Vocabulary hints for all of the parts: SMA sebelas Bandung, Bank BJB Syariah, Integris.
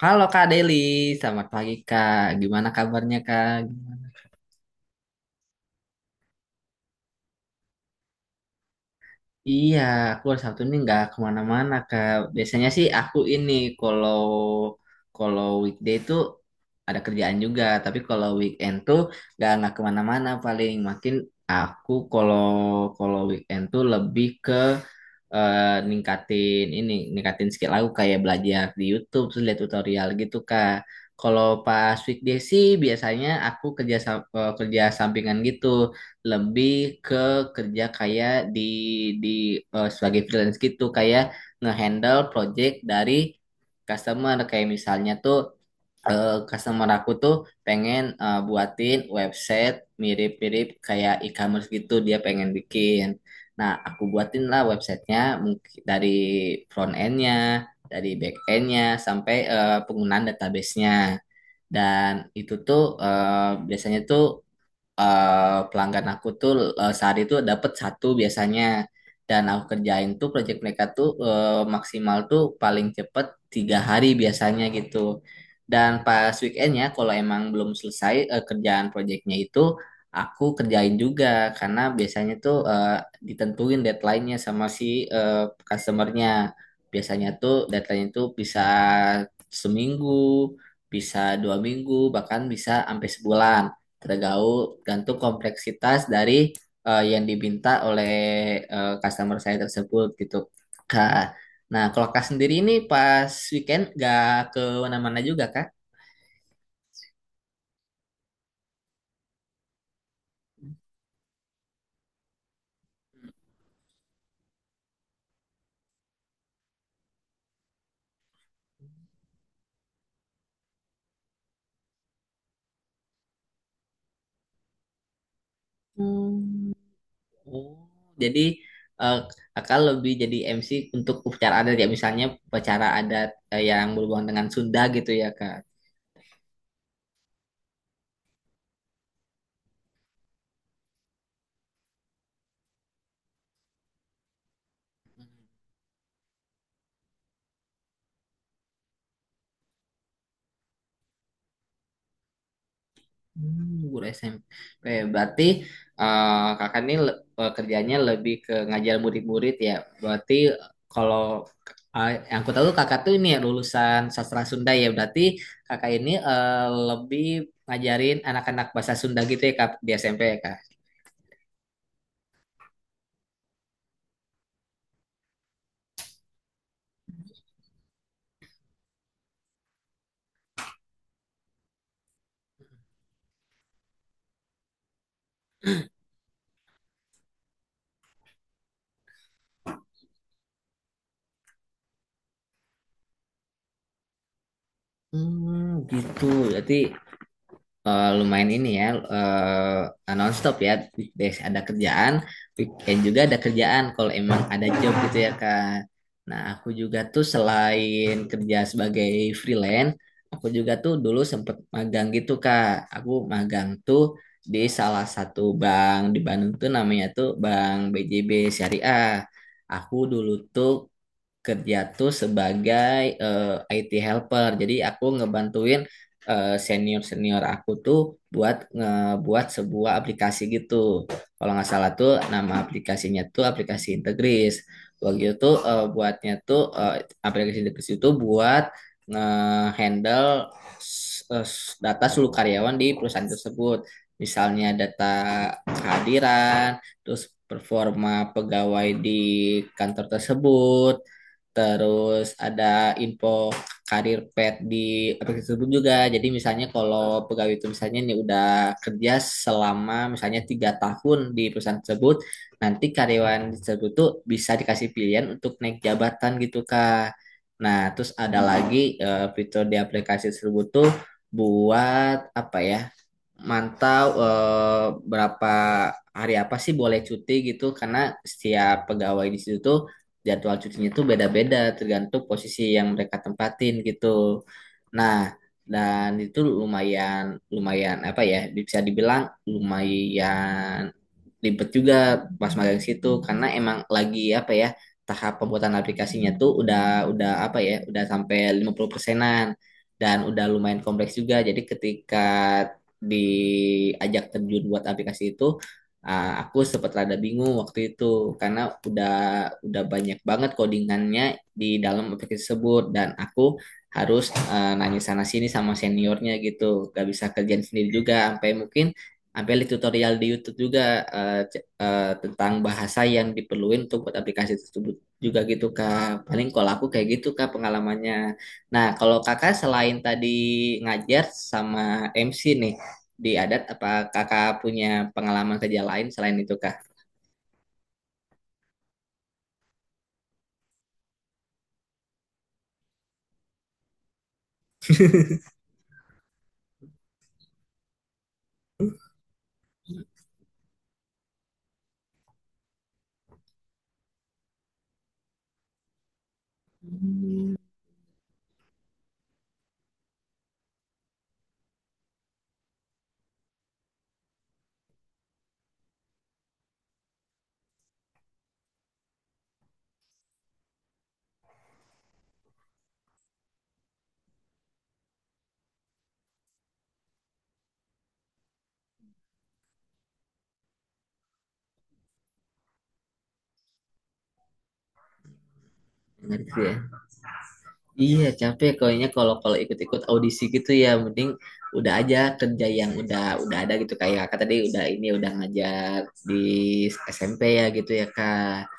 Halo Kak Deli, selamat pagi Kak. Gimana kabarnya Kak? Iya, aku hari Sabtu ini nggak kemana-mana Kak. Biasanya sih aku ini kalau kalau weekday itu ada kerjaan juga, tapi kalau weekend tuh nggak kemana-mana paling. Makin aku kalau kalau weekend tuh lebih ke eh, ningkatin ini, ningkatin skill aku kayak belajar di YouTube terus lihat tutorial gitu Kak. Kalau pas weekday sih biasanya aku kerja sampingan gitu, lebih ke kerja kayak di di sebagai freelance gitu kayak ngehandle project dari customer kayak misalnya tuh customer aku tuh pengen buatin website mirip-mirip kayak e-commerce gitu dia pengen bikin. Nah, aku buatin lah websitenya mungkin dari front endnya, dari back endnya, sampai penggunaan databasenya. Dan itu tuh biasanya tuh pelanggan aku tuh sehari itu dapat satu biasanya dan aku kerjain tuh project mereka tuh maksimal tuh paling cepet 3 hari biasanya gitu dan pas weekendnya kalau emang belum selesai kerjaan projectnya itu aku kerjain juga karena biasanya tuh ditentuin deadline-nya sama si eh, customer-nya biasanya tuh deadline itu bisa seminggu bisa dua minggu bahkan bisa sampai sebulan tergaul gantung kompleksitas dari yang diminta oleh customer saya tersebut gitu Kak. Nah, kalau Kak sendiri ini pas weekend gak ke mana-mana juga Kak? Hmm, oh, jadi eh, Kakak lebih jadi MC untuk upacara adat ya misalnya upacara adat yang berhubungan dengan Sunda gitu ya Kak. Hmm, guru SMP. Berarti kakak ini kerjanya lebih ke ngajar murid-murid ya. Berarti kalau yang aku tahu kakak tuh ini ya lulusan sastra Sunda ya. Berarti kakak ini lebih ngajarin anak-anak bahasa Sunda gitu ya kak di SMP ya kak. Hmm, gitu. Berarti lumayan ini ya nonstop ya weekdays ada kerjaan weekend juga ada kerjaan kalau emang ada job gitu ya Kak. Nah aku juga tuh selain kerja sebagai freelance aku juga tuh dulu sempet magang gitu Kak. Aku magang tuh di salah satu bank di Bandung tuh namanya tuh Bank BJB Syariah. Aku dulu tuh kerja tuh sebagai IT helper. Jadi aku ngebantuin senior senior aku tuh buat ngebuat sebuah aplikasi gitu. Kalau nggak salah tuh nama aplikasinya tuh aplikasi Integris. Begitu itu buatnya tuh aplikasi Integris itu buat ngehandle data seluruh karyawan di perusahaan tersebut. Misalnya data kehadiran, terus performa pegawai di kantor tersebut, terus ada info karir pet di aplikasi tersebut juga. Jadi misalnya kalau pegawai itu misalnya nih udah kerja selama misalnya 3 tahun di perusahaan tersebut, nanti karyawan tersebut tuh bisa dikasih pilihan untuk naik jabatan gitu Kak. Nah, terus ada lagi fitur di aplikasi tersebut tuh buat apa ya? Mantau berapa hari apa sih boleh cuti gitu karena setiap pegawai di situ tuh jadwal cutinya tuh beda-beda tergantung posisi yang mereka tempatin gitu. Nah, dan itu lumayan lumayan apa ya bisa dibilang lumayan ribet juga pas magang situ karena emang lagi apa ya tahap pembuatan aplikasinya tuh udah apa ya udah sampai 50 persenan dan udah lumayan kompleks juga jadi ketika diajak terjun buat aplikasi itu ah, aku sempat rada bingung waktu itu karena udah udah banyak banget codingannya di dalam aplikasi tersebut dan aku harus nanya sana sini sama seniornya gitu gak bisa kerjaan sendiri juga sampai mungkin sampai lihat tutorial di YouTube juga tentang bahasa yang diperluin untuk buat aplikasi tersebut juga gitu Kak. Paling kalau aku kayak gitu Kak pengalamannya. Nah, kalau Kakak selain tadi ngajar sama MC nih di adat apa Kakak punya pengalaman kerja lain selain itu Kak? Ngerti ya? Iya, capek kayaknya kalau kalau ikut-ikut audisi gitu ya mending udah aja kerja yang udah ada gitu kayak Kakak tadi udah ini udah ngajar di SMP ya gitu ya Kak.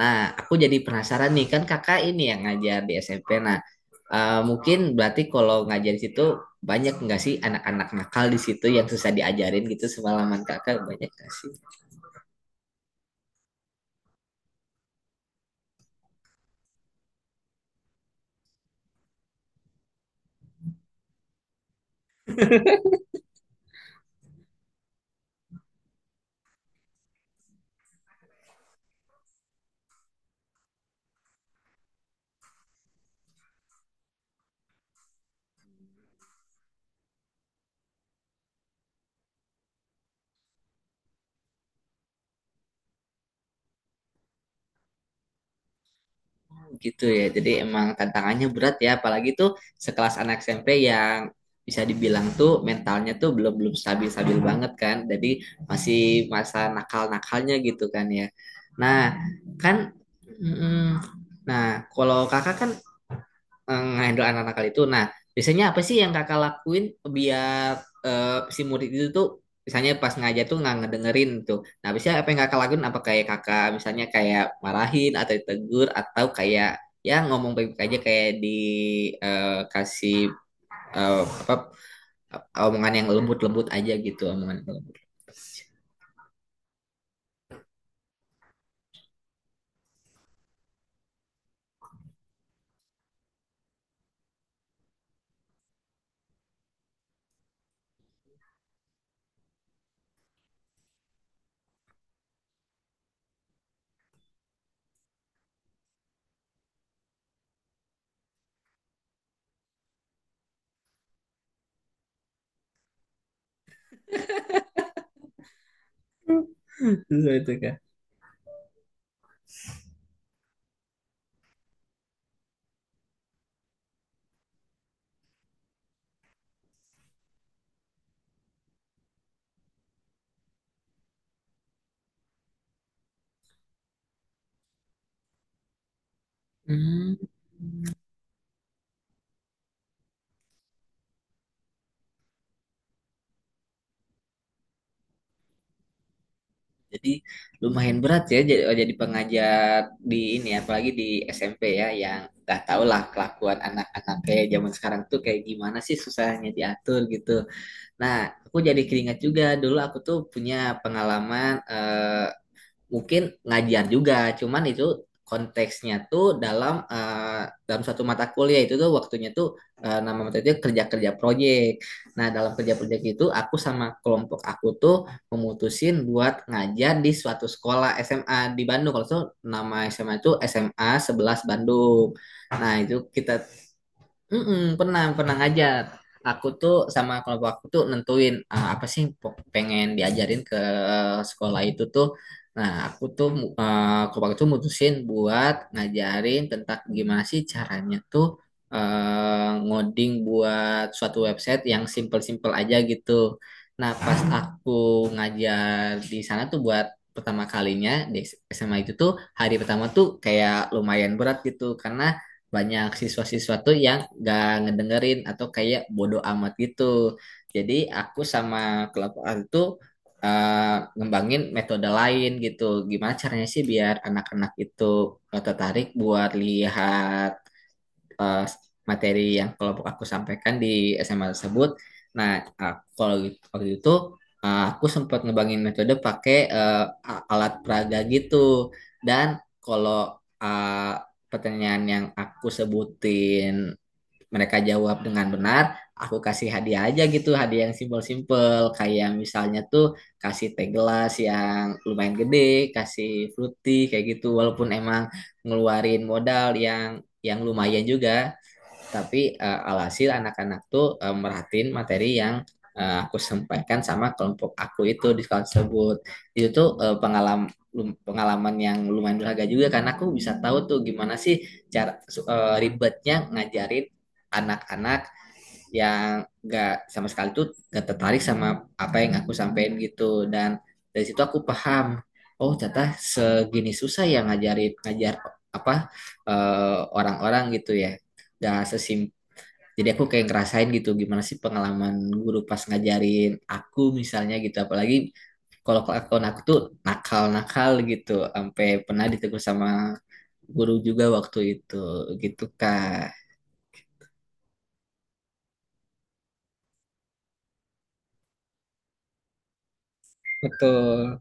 Nah, aku jadi penasaran nih, kan kakak ini yang ngajar di SMP. Nah, mungkin berarti kalau ngajar di situ banyak nggak sih anak-anak nakal di situ yang susah diajarin gitu semalaman kakak banyak nggak sih gitu ya. Jadi emang tantangannya berat ya, apalagi tuh sekelas anak SMP yang bisa dibilang tuh mentalnya tuh belum belum stabil stabil banget kan. Jadi masih masa nakal-nakalnya gitu kan ya. Nah, kan, mm, nah kalau kakak kan ngehandle anak nakal itu. Nah, biasanya apa sih yang kakak lakuin biar eh, si murid itu tuh misalnya pas ngajar tuh nggak ngedengerin tuh. Nah, biasanya apa yang kakak lakuin? Apa kayak kakak misalnya kayak marahin atau ditegur atau kayak ya ngomong baik-baik aja kayak dikasih apa omongan yang lembut-lembut aja gitu omongan yang lembut. Itu kak. Jadi lumayan berat ya jadi pengajar di ini apalagi di SMP ya yang nggak tau lah kelakuan anak-anak kayak zaman sekarang tuh kayak gimana sih susahnya diatur gitu. Nah, aku jadi keringat juga dulu aku tuh punya pengalaman mungkin ngajar juga, cuman itu konteksnya tuh dalam dalam suatu mata kuliah itu tuh waktunya tuh nama materinya kerja-kerja proyek. Nah, dalam kerja-proyek itu aku sama kelompok aku tuh memutusin buat ngajar di suatu sekolah SMA di Bandung. Kalau tuh nama SMA itu SMA 11 Bandung. Nah, itu kita mm-mm, pernah pernah ngajar. Aku tuh sama kelompok aku tuh nentuin ah, apa sih yang pengen diajarin ke sekolah itu tuh. Nah, aku tuh kelompok itu mutusin buat ngajarin tentang gimana sih caranya tuh ngoding buat suatu website yang simple-simple aja gitu. Nah, pas aku ngajar di sana tuh buat pertama kalinya di SMA itu tuh hari pertama tuh kayak lumayan berat gitu karena banyak siswa-siswa tuh yang gak ngedengerin atau kayak bodo amat gitu. Jadi aku sama kelompok aku tuh ngembangin metode lain gitu. Gimana caranya sih biar anak-anak itu tertarik buat lihat eh, materi yang kelompok aku sampaikan di SMA tersebut. Nah, aku, waktu itu aku sempat ngebangin metode pakai alat peraga gitu. Dan kalau eh, pertanyaan yang aku sebutin mereka jawab dengan benar, aku kasih hadiah aja gitu, hadiah yang simpel-simpel kayak misalnya tuh kasih teh gelas yang lumayan gede, kasih fruity kayak gitu walaupun emang ngeluarin modal yang lumayan juga tapi alhasil anak-anak tuh merhatiin materi yang aku sampaikan sama kelompok aku itu di sekolah tersebut. Itu tuh pengalaman pengalaman yang lumayan berharga juga karena aku bisa tahu tuh gimana sih ribetnya ngajarin anak-anak yang gak sama sekali tuh gak tertarik sama apa yang aku sampaikan gitu dan dari situ aku paham oh ternyata segini susah ya ngajar apa orang-orang gitu ya. Dan sesim jadi aku kayak ngerasain gitu gimana sih pengalaman guru pas ngajarin aku misalnya gitu. Apalagi kalau kelakuan aku tuh nakal-nakal gitu. Sampai pernah ditegur sama guru juga waktu itu gitu Kak. Betul.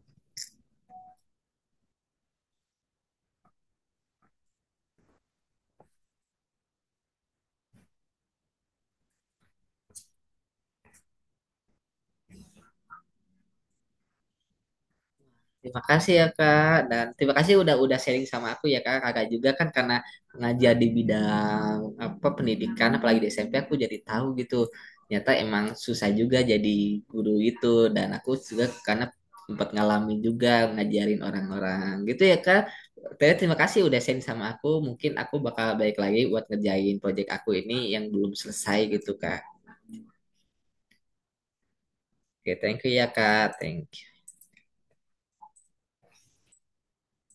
Terima kasih ya Kak dan terima kasih udah sharing sama aku ya Kak. Kakak juga kan karena ngajar di bidang apa pendidikan apalagi di SMP aku jadi tahu gitu. Ternyata emang susah juga jadi guru itu dan aku juga karena sempat ngalamin juga ngajarin orang-orang gitu ya Kak. Ternyata terima kasih udah sharing sama aku. Mungkin aku bakal balik lagi buat ngerjain project aku ini yang belum selesai gitu Kak. Oke, thank you ya Kak. Thank